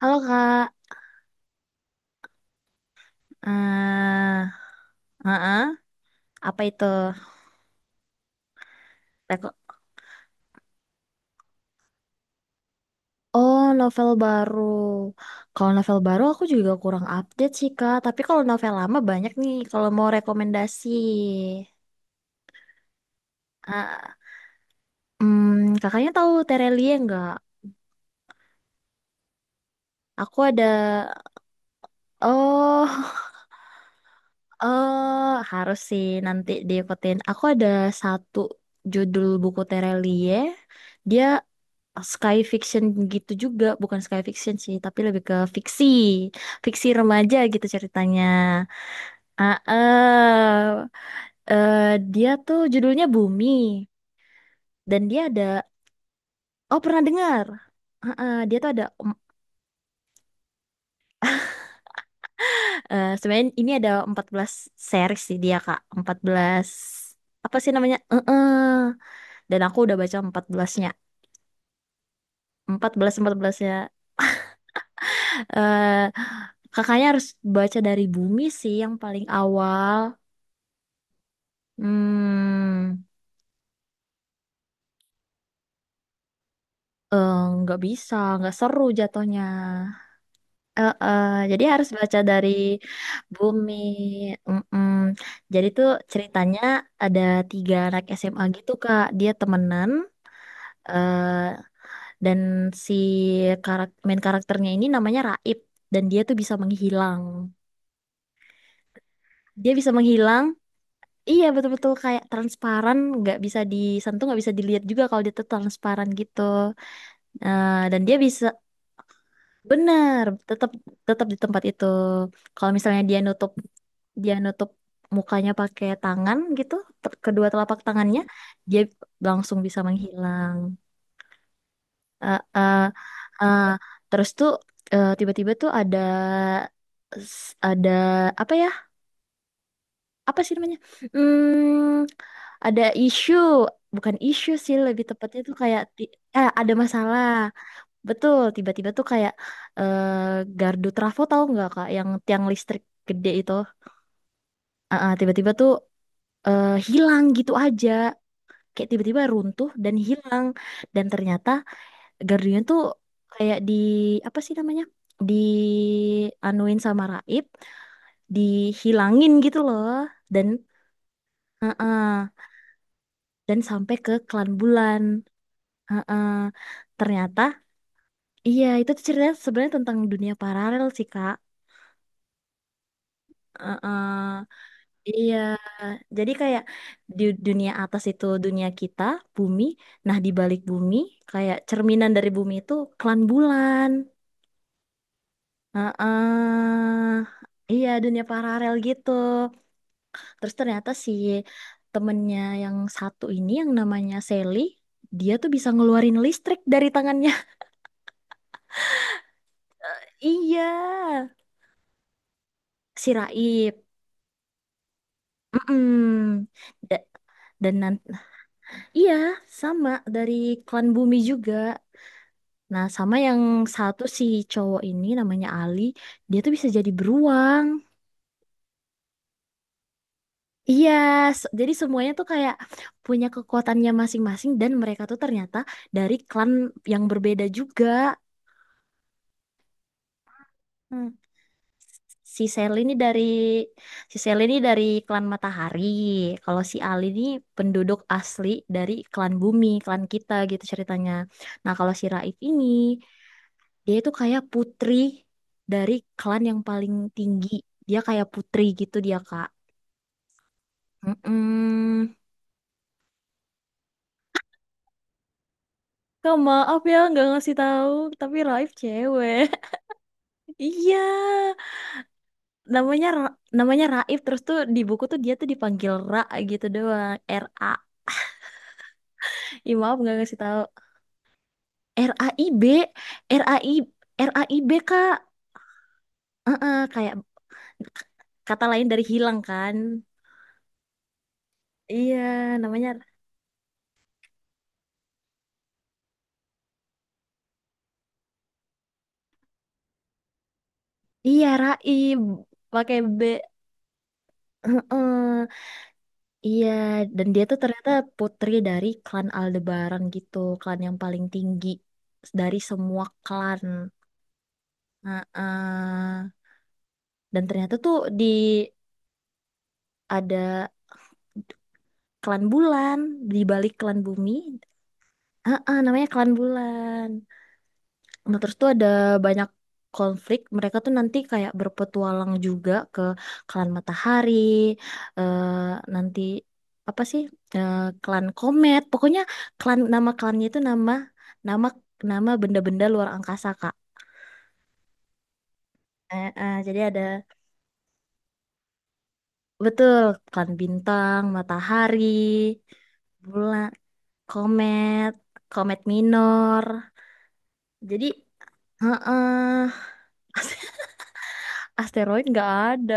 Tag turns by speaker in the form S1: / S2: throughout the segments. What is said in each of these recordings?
S1: Halo Kak, eh heeh. Apa itu? Reko- Oh, novel baru. Kalau novel baru aku juga kurang update sih Kak, tapi kalau novel lama banyak nih kalau mau rekomendasi. Ah, Kakaknya tahu Terelie nggak? Aku ada, oh, oh, harus sih nanti diikutin. Aku ada satu judul buku Terelie. Dia sky fiction gitu juga, bukan sky fiction sih, tapi lebih ke fiksi, fiksi remaja gitu ceritanya. Ah, eh eh, Dia tuh judulnya Bumi dan oh pernah dengar? Dia tuh ada, sebenarnya ini ada 14 series sih dia Kak, 14 apa sih namanya? Eh. Dan aku udah baca 14-nya, empat belasnya 14-nya. Eh Kakaknya harus baca dari Bumi sih yang paling awal. Hmm, eh, nggak bisa, nggak seru jatuhnya. Eh, eh, jadi harus baca dari Bumi. Mm-mm. Jadi tuh ceritanya ada tiga anak SMA gitu Kak. Dia temenan, eh, dan si main karakternya ini namanya Raib, dan dia tuh bisa menghilang. Dia bisa menghilang. Iya betul-betul kayak transparan, nggak bisa disentuh, nggak bisa dilihat juga kalau dia tuh transparan gitu. Eh, dan dia bisa Bener, tetap tetap di tempat itu. Kalau misalnya dia nutup mukanya pakai tangan gitu, kedua telapak tangannya, dia langsung bisa menghilang. Eh, eh, eh, Terus tuh tiba-tiba tuh ada ada apa ya? Apa sih namanya? Hmm, ada isu, bukan isu sih lebih tepatnya tuh kayak ada masalah. Betul, tiba-tiba tuh kayak eh gardu trafo tahu nggak Kak, yang tiang listrik gede itu. Tiba-tiba tuh hilang gitu aja. Kayak tiba-tiba runtuh dan hilang. Dan ternyata gardunya tuh kayak di, apa sih namanya, di anuin sama Raib, dihilangin gitu loh. Dan ah, ah, dan sampai ke Klan Bulan. Ah, ah. Ternyata iya itu tuh ceritanya sebenarnya tentang dunia paralel sih Kak. Ah, ah. Iya, jadi kayak di dunia atas itu dunia kita, bumi. Nah, di balik bumi, kayak cerminan dari bumi itu klan bulan. Heeh. Iya, dunia paralel gitu. Terus ternyata si temennya yang satu ini yang namanya Sally, dia tuh bisa ngeluarin listrik dari tangannya. Iya, si Raib. Mm-mm. Da- dan iya, sama dari klan bumi juga. Nah, sama yang satu si cowok ini namanya Ali, dia tuh bisa jadi beruang. Iya, jadi semuanya tuh kayak punya kekuatannya masing-masing dan mereka tuh ternyata dari klan yang berbeda juga. Hmm. Si Sel ini dari Si Sel ini dari klan Matahari. Kalau si Ali ini penduduk asli dari klan Bumi, klan kita gitu ceritanya. Nah, kalau si Raif ini Dia itu kayak putri dari klan yang paling tinggi. Dia kayak putri gitu dia, Kak. Mm-mm. Kak, maaf ya nggak ngasih tahu, tapi Raif cewek. Iya, namanya Raif terus tuh di buku tuh dia tuh dipanggil Ra gitu doang, Ra. Ih, maaf nggak ngasih tahu. Raib, R A I Raib Kak. Heeh, kayak k- kata lain dari hilang kan. Iya, namanya Iya, Raib pakai B. Heeh, iya, dan dia tuh ternyata putri dari klan Aldebaran gitu, klan yang paling tinggi dari semua klan. Heeh. Dan ternyata tuh di, ada klan bulan di balik klan bumi. Heeh, namanya klan bulan. Nah, terus tuh ada banyak konflik. Mereka tuh nanti kayak berpetualang juga ke klan matahari, eh, nanti apa sih eh, klan komet. Pokoknya nama klannya itu nama nama nama benda-benda luar angkasa Kak. Jadi ada betul klan bintang, matahari, bulan, komet, komet minor. Jadi, heeh, asteroid nggak ada.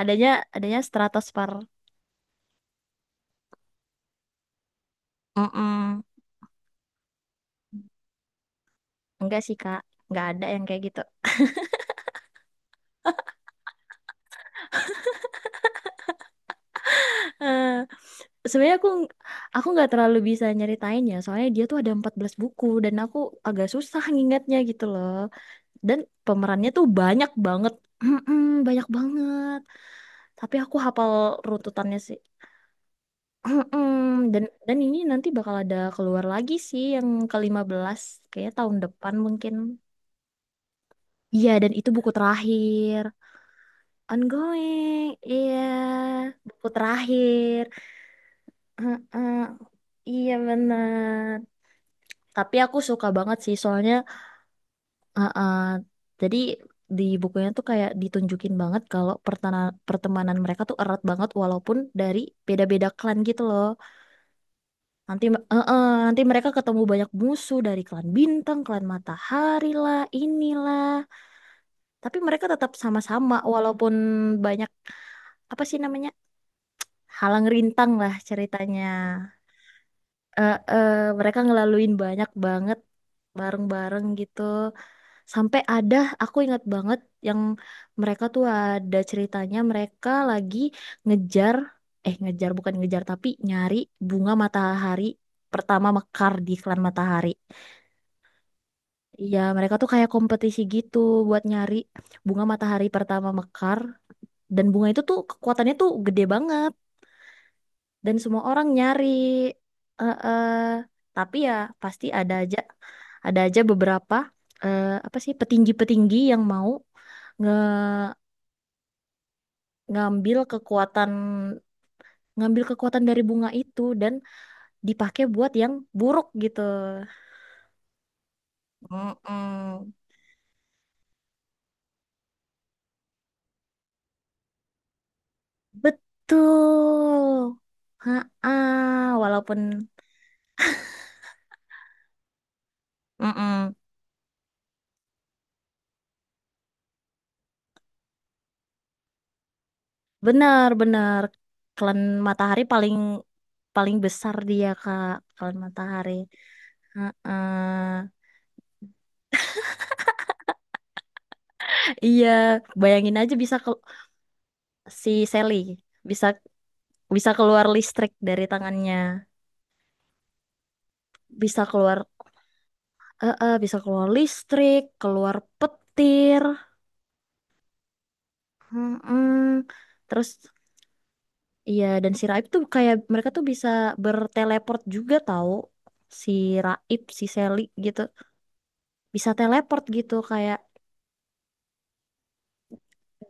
S1: Adanya adanya stratosfer. Mm-mm. Enggak sih kak, nggak ada yang kayak gitu. Eh, Sebenarnya aku nggak terlalu bisa nyeritain ya, soalnya dia tuh ada 14 buku dan aku agak susah ngingatnya gitu loh, dan pemerannya tuh banyak banget. Mm-mm, banyak banget, tapi aku hafal runtutannya sih. Mm-mm. Dan ini nanti bakal ada keluar lagi sih yang ke-15, kayaknya tahun depan mungkin. Iya, dan itu buku terakhir. Ongoing, iya. Buku terakhir. Heeh, iya bener. Tapi aku suka banget sih, soalnya heeh, jadi di bukunya tuh kayak ditunjukin banget kalau pertemanan mereka tuh erat banget walaupun dari beda-beda klan gitu loh. Nanti, heeh, nanti mereka ketemu banyak musuh dari klan bintang, klan matahari lah, inilah. Tapi mereka tetap sama-sama walaupun banyak apa sih namanya? Halang rintang lah ceritanya. eh, eh, Mereka ngelaluin banyak banget bareng-bareng gitu. Sampai ada, aku ingat banget yang mereka tuh ada ceritanya mereka lagi ngejar, eh ngejar bukan ngejar tapi nyari bunga matahari pertama mekar di iklan matahari. Iya, mereka tuh kayak kompetisi gitu buat nyari bunga matahari pertama mekar dan bunga itu tuh kekuatannya tuh gede banget dan semua orang nyari. eh eh. Tapi ya pasti ada aja beberapa, apa sih, petinggi-petinggi yang mau nge ngambil kekuatan ngambil kekuatan dari bunga itu dan dipakai buat yang buruk gitu. Mm-mm. Betul. Ha walaupun Mm-mm. Benar-benar klan matahari paling paling besar dia Kak, klan matahari. Ha Iya, bayangin aja bisa ke si Sally bisa bisa keluar listrik dari tangannya, bisa keluar bisa keluar listrik keluar petir. Mm-mm. Terus iya, dan si Raib tuh kayak mereka tuh bisa berteleport juga tahu, si Raib si Sally gitu bisa teleport gitu kayak,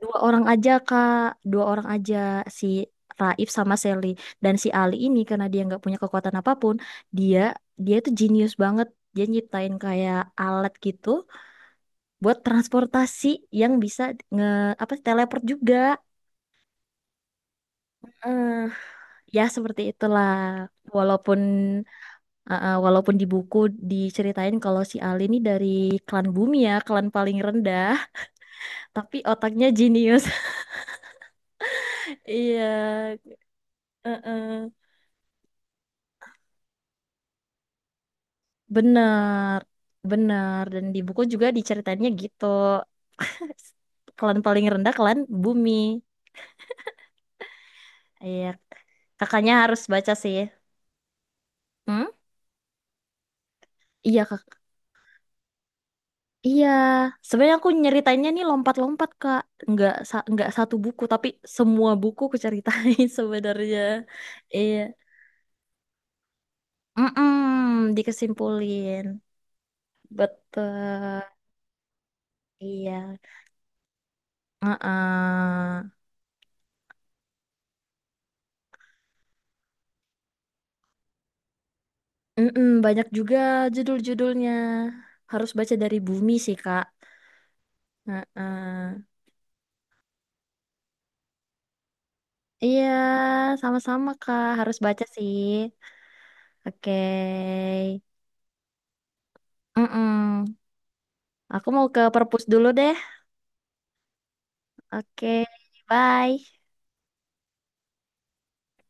S1: dua orang aja kak, dua orang aja, si Raib sama Sally. Dan si Ali ini karena dia nggak punya kekuatan apapun, dia dia itu jenius banget. Dia nyiptain kayak alat gitu buat transportasi yang bisa nge apa sih, teleport juga. Eh, Ya seperti itulah. Walaupun walaupun di buku diceritain kalau si Ali ini dari klan bumi ya, klan paling rendah, tapi otaknya jenius. Iya, eh, eh. Benar. Benar, dan di buku juga diceritainnya gitu. Klan paling rendah, klan bumi. Iya, kakaknya harus baca sih. Hmm? Iya, kak. Iya, sebenarnya aku nyeritainnya nih lompat-lompat Kak, nggak nggak satu buku tapi semua buku aku ceritain sebenarnya. Iya, dikesimpulin, betul. Iya. Heeh. Banyak juga judul-judulnya. Harus baca dari bumi sih Kak. Heeh. Iya, sama-sama Kak, harus baca sih. Oke, Mm-mm. Aku mau ke perpus dulu deh. Oke, bye.